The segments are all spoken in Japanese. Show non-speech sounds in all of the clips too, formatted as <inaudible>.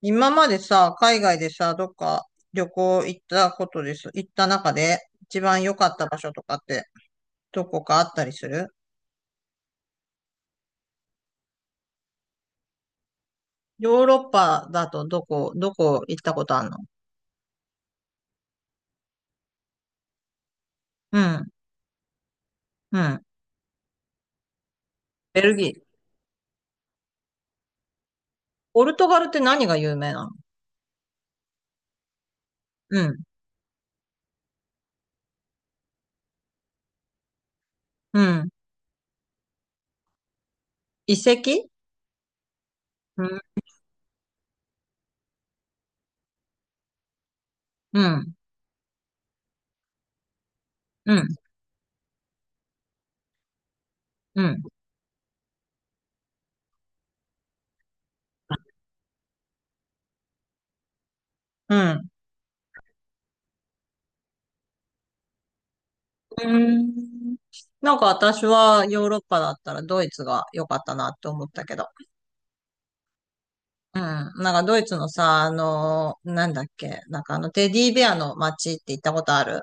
今までさ、海外でさ、どっか旅行行ったことです。行った中で一番良かった場所とかってどこかあったりする？ヨーロッパだとどこ、行ったことあるの？うん、うん。ベルギー。ポルトガルって何が有名なの？うん、うん。遺跡？うん、うん、うん、うん、うん。うん。なんか私はヨーロッパだったらドイツが良かったなって思ったけど。うん。なんかドイツのさ、なんだっけ、なんかあのテディベアの街って行ったことある？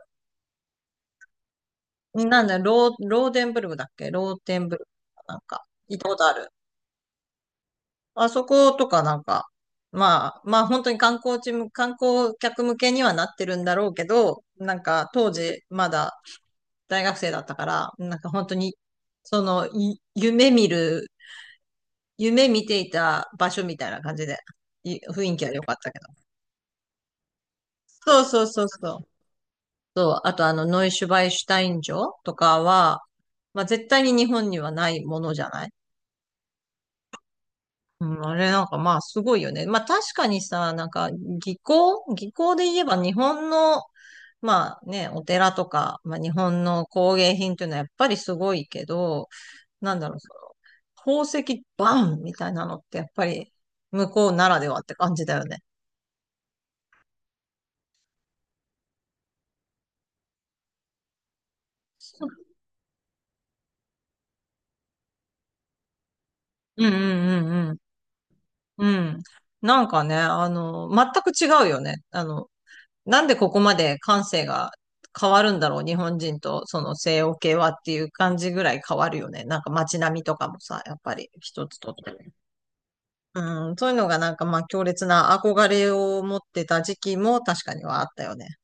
なんだ、ローデンブルグだっけローテンブルグ？なんか、行ったことある？あそことかなんか、まあ本当に観光客向けにはなってるんだろうけど、なんか当時まだ大学生だったから、なんか本当に、その、い夢見る、夢見ていた場所みたいな感じで、雰囲気は良かったけど。そうそうそうそう。そう、あとノイシュバイシュタイン城とかは、まあ絶対に日本にはないものじゃない？うん、あれなんかまあすごいよね。まあ確かにさ、なんか技巧で言えば日本の、まあね、お寺とか、まあ日本の工芸品っていうのはやっぱりすごいけど、なんだろう、その宝石バンみたいなのってやっぱり向こうならではって感じだよね。うんうんうんうん。うん。なんかね、全く違うよね。なんでここまで感性が変わるんだろう、日本人とその西欧系はっていう感じぐらい変わるよね。なんか街並みとかもさ、やっぱり一つとって。うん、そういうのがなんかまあ強烈な憧れを持ってた時期も確かにはあったよね。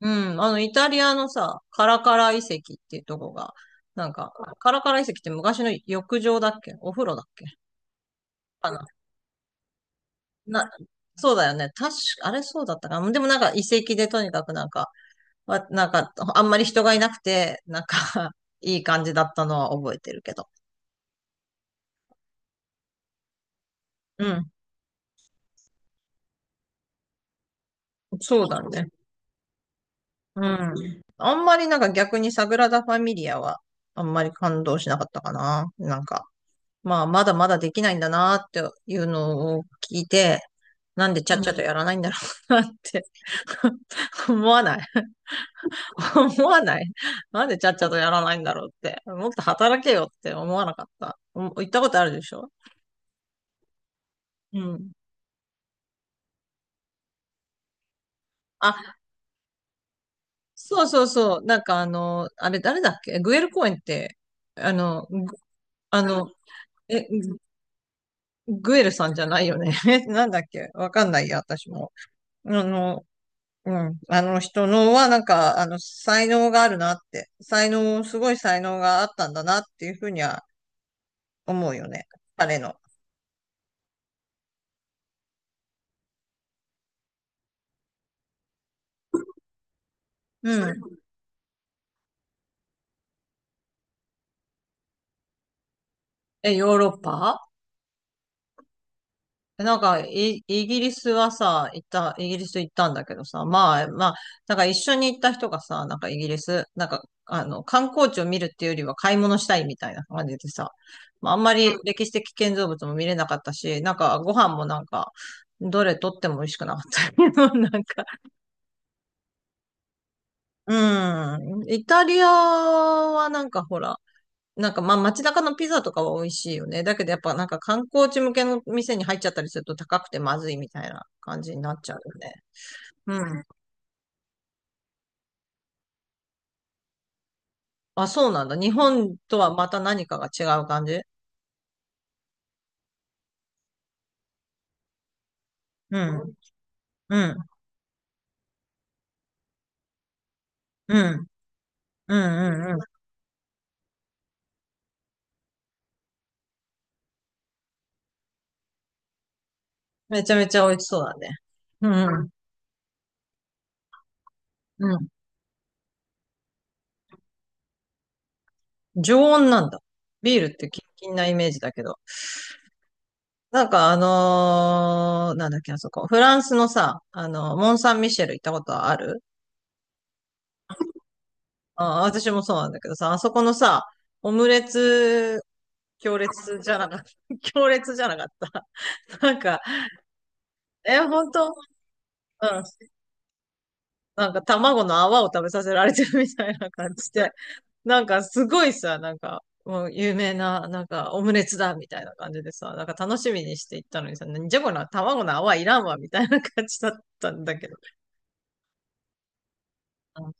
うん、あのイタリアのさ、カラカラ遺跡っていうとこが、なんか、カラカラ遺跡って昔の浴場だっけお風呂だっけかな。な、そうだよね。確か、あれそうだったかな。でもなんか遺跡でとにかくなんか、なんか、あんまり人がいなくて、なんか <laughs> いい感じだったのは覚えてるけど。うん、そうだね。うん。あんまりなんか逆にサグラダ・ファミリアは、あんまり感動しなかったかな。なんか、まあ、まだまだできないんだなっていうのを聞いて、なんでちゃっちゃとやらないんだろうなって <laughs> 思わない？ <laughs> 思わない？なんでちゃっちゃとやらないんだろうって。もっと働けよって思わなかった。行ったことあるでしょ？うん。あ、そうそうそう。なんかあれ誰だっけグエル公園って、ぐあの、え、ググエルさんじゃないよね。<laughs> なんだっけわかんないや、私も。あの、うん。あの人のは、なんか、才能があるなって。才能、すごい才能があったんだなっていうふうには思うよね。彼の。うん。ヨーロッパ？なんか、イギリスはさ、行った、イギリス行ったんだけどさ、まあ、なんか一緒に行った人がさ、なんかイギリス、なんか、観光地を見るっていうよりは買い物したいみたいな感じでさ、まあ、あんまり歴史的建造物も見れなかったし、なんかご飯もなんか、どれとっても美味しくなかったけど、<laughs> なんか、うん、イタリアはなんかほら、なんかまあ街中のピザとかは美味しいよね。だけどやっぱなんか観光地向けの店に入っちゃったりすると高くてまずいみたいな感じになっちゃうよね。うん。あ、そうなんだ。日本とはまた何かが違う感じ？うん。うん。うん。うん。うん。めちゃめちゃ美味しそうだね。うん。うん。常温なんだ。ビールってキンキンなイメージだけど。なんかなんだっけ、あそこ。フランスのさ、モン・サン・ミシェル行ったことある？あ、私もそうなんだけどさ、あそこのさ、オムレツ、強烈じゃなかった？<laughs> 強烈じゃなかった？なんか、本当？うん。なんか卵の泡を食べさせられてるみたいな感じで。なんかすごいさ、なんか、もう有名な、なんかオムレツだみたいな感じでさ、なんか楽しみにして行ったのにさ、なんじゃこの卵の泡いらんわみたいな感じだったんだけど。うん。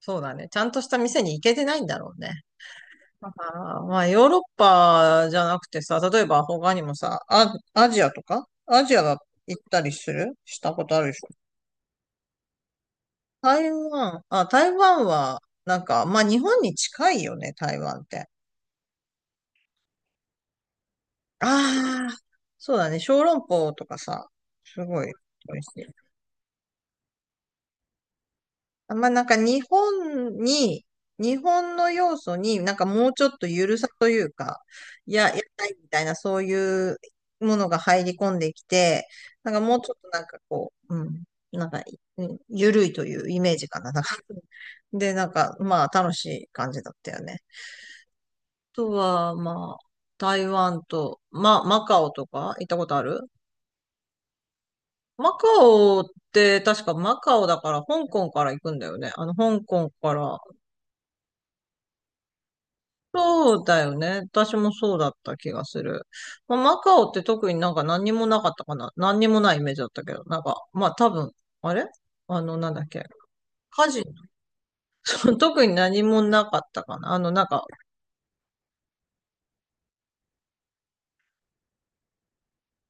そうだね。ちゃんとした店に行けてないんだろうね。あーまあ、ヨーロッパじゃなくてさ、例えば他にもさ、アジアが行ったりしたことあるでしょ？台湾は、なんか、まあ日本に近いよね、台湾って。ああ、そうだね、小籠包とかさ、すごい美味しい。まあなんか日本の要素になんかもうちょっとゆるさというか、いや、やりたいみたいなそういうものが入り込んできて、なんかもうちょっとなんかこう、うん、なんか、うん、ゆるいというイメージかな。<laughs> なんかで、なんかまあ楽しい感じだったよね。あとはまあ、台湾と、まあマカオとか行ったことある？マカオって確かマカオだから香港から行くんだよね。あの香港から、そうだよね。私もそうだった気がする。まあ、マカオって特になんか何にもなかったかな。何にもないイメージだったけど、なんか、まあ多分、あれあの、なんだっけ。カジノ、<laughs> 特に何もなかったかな。なんか、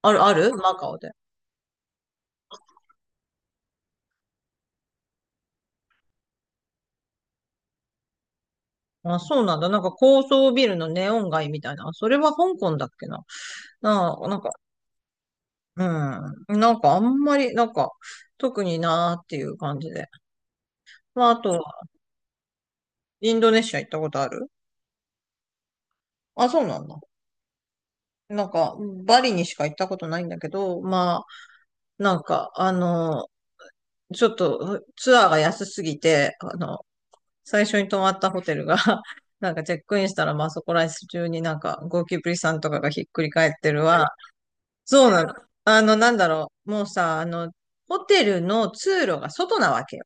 あるマカオで。あ、そうなんだ。なんか高層ビルのネオン街みたいな。それは香港だっけな。なあ、なんか、うん。なんかあんまり、なんか、特になーっていう感じで。まあ、あとは、インドネシア行ったことある？あ、そうなんだ。なんか、バリにしか行ったことないんだけど、まあ、なんか、ちょっとツアーが安すぎて、最初に泊まったホテルが <laughs> なんかチェックインしたら、まあそこら中になんかゴキブリさんとかがひっくり返ってるわ。そうなの。なんだろう。もうさ、ホテルの通路が外なわけ。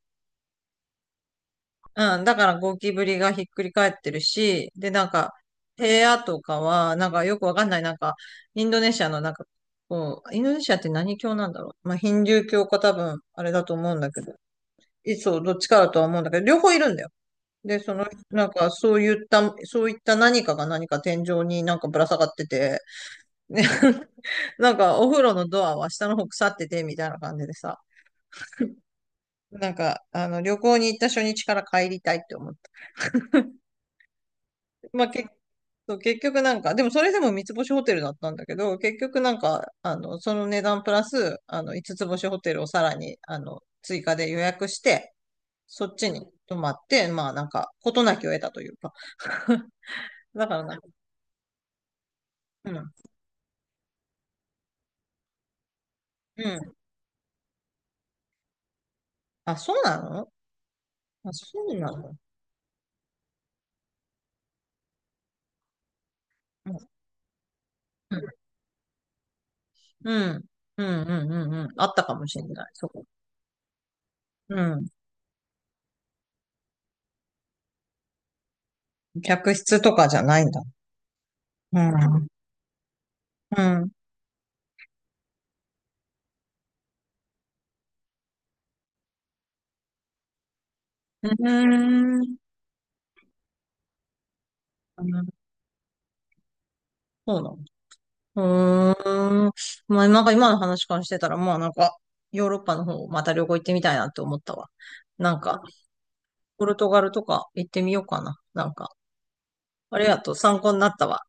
うん、だからゴキブリがひっくり返ってるし、で、なんか、部屋とかは、なんかよくわかんない、なんか、インドネシアのなんか、こう、インドネシアって何教なんだろう。まあ、ヒンドゥー教か多分、あれだと思うんだけど、そう、どっちかだとは思うんだけど、両方いるんだよ。で、その、なんか、そういった何かが何か天井になんかぶら下がってて、ね <laughs> なんか、お風呂のドアは下の方腐ってて、みたいな感じでさ、なんか、旅行に行った初日から帰りたいって思って。まあ、そう結局なんか、でもそれでも三つ星ホテルだったんだけど、結局なんか、その値段プラス、五つ星ホテルをさらに、追加で予約して、そっちに泊まって、まあなんか、事なきを得たというか。<laughs> だからなんか、うん、うん。あ、そうなの？あ、そうなの？うん、うん、うん、うん、うん、うん。あったかもしれない、そこ。うん。客室とかじゃないんだ。うん、うん。うーん。うん。そうなの？うーん。まあ、なんか今の話からしてたら、まあなんか、ヨーロッパの方、また旅行行ってみたいなって思ったわ。なんか、ポルトガルとか行ってみようかな。なんか、ありがとう。参考になったわ。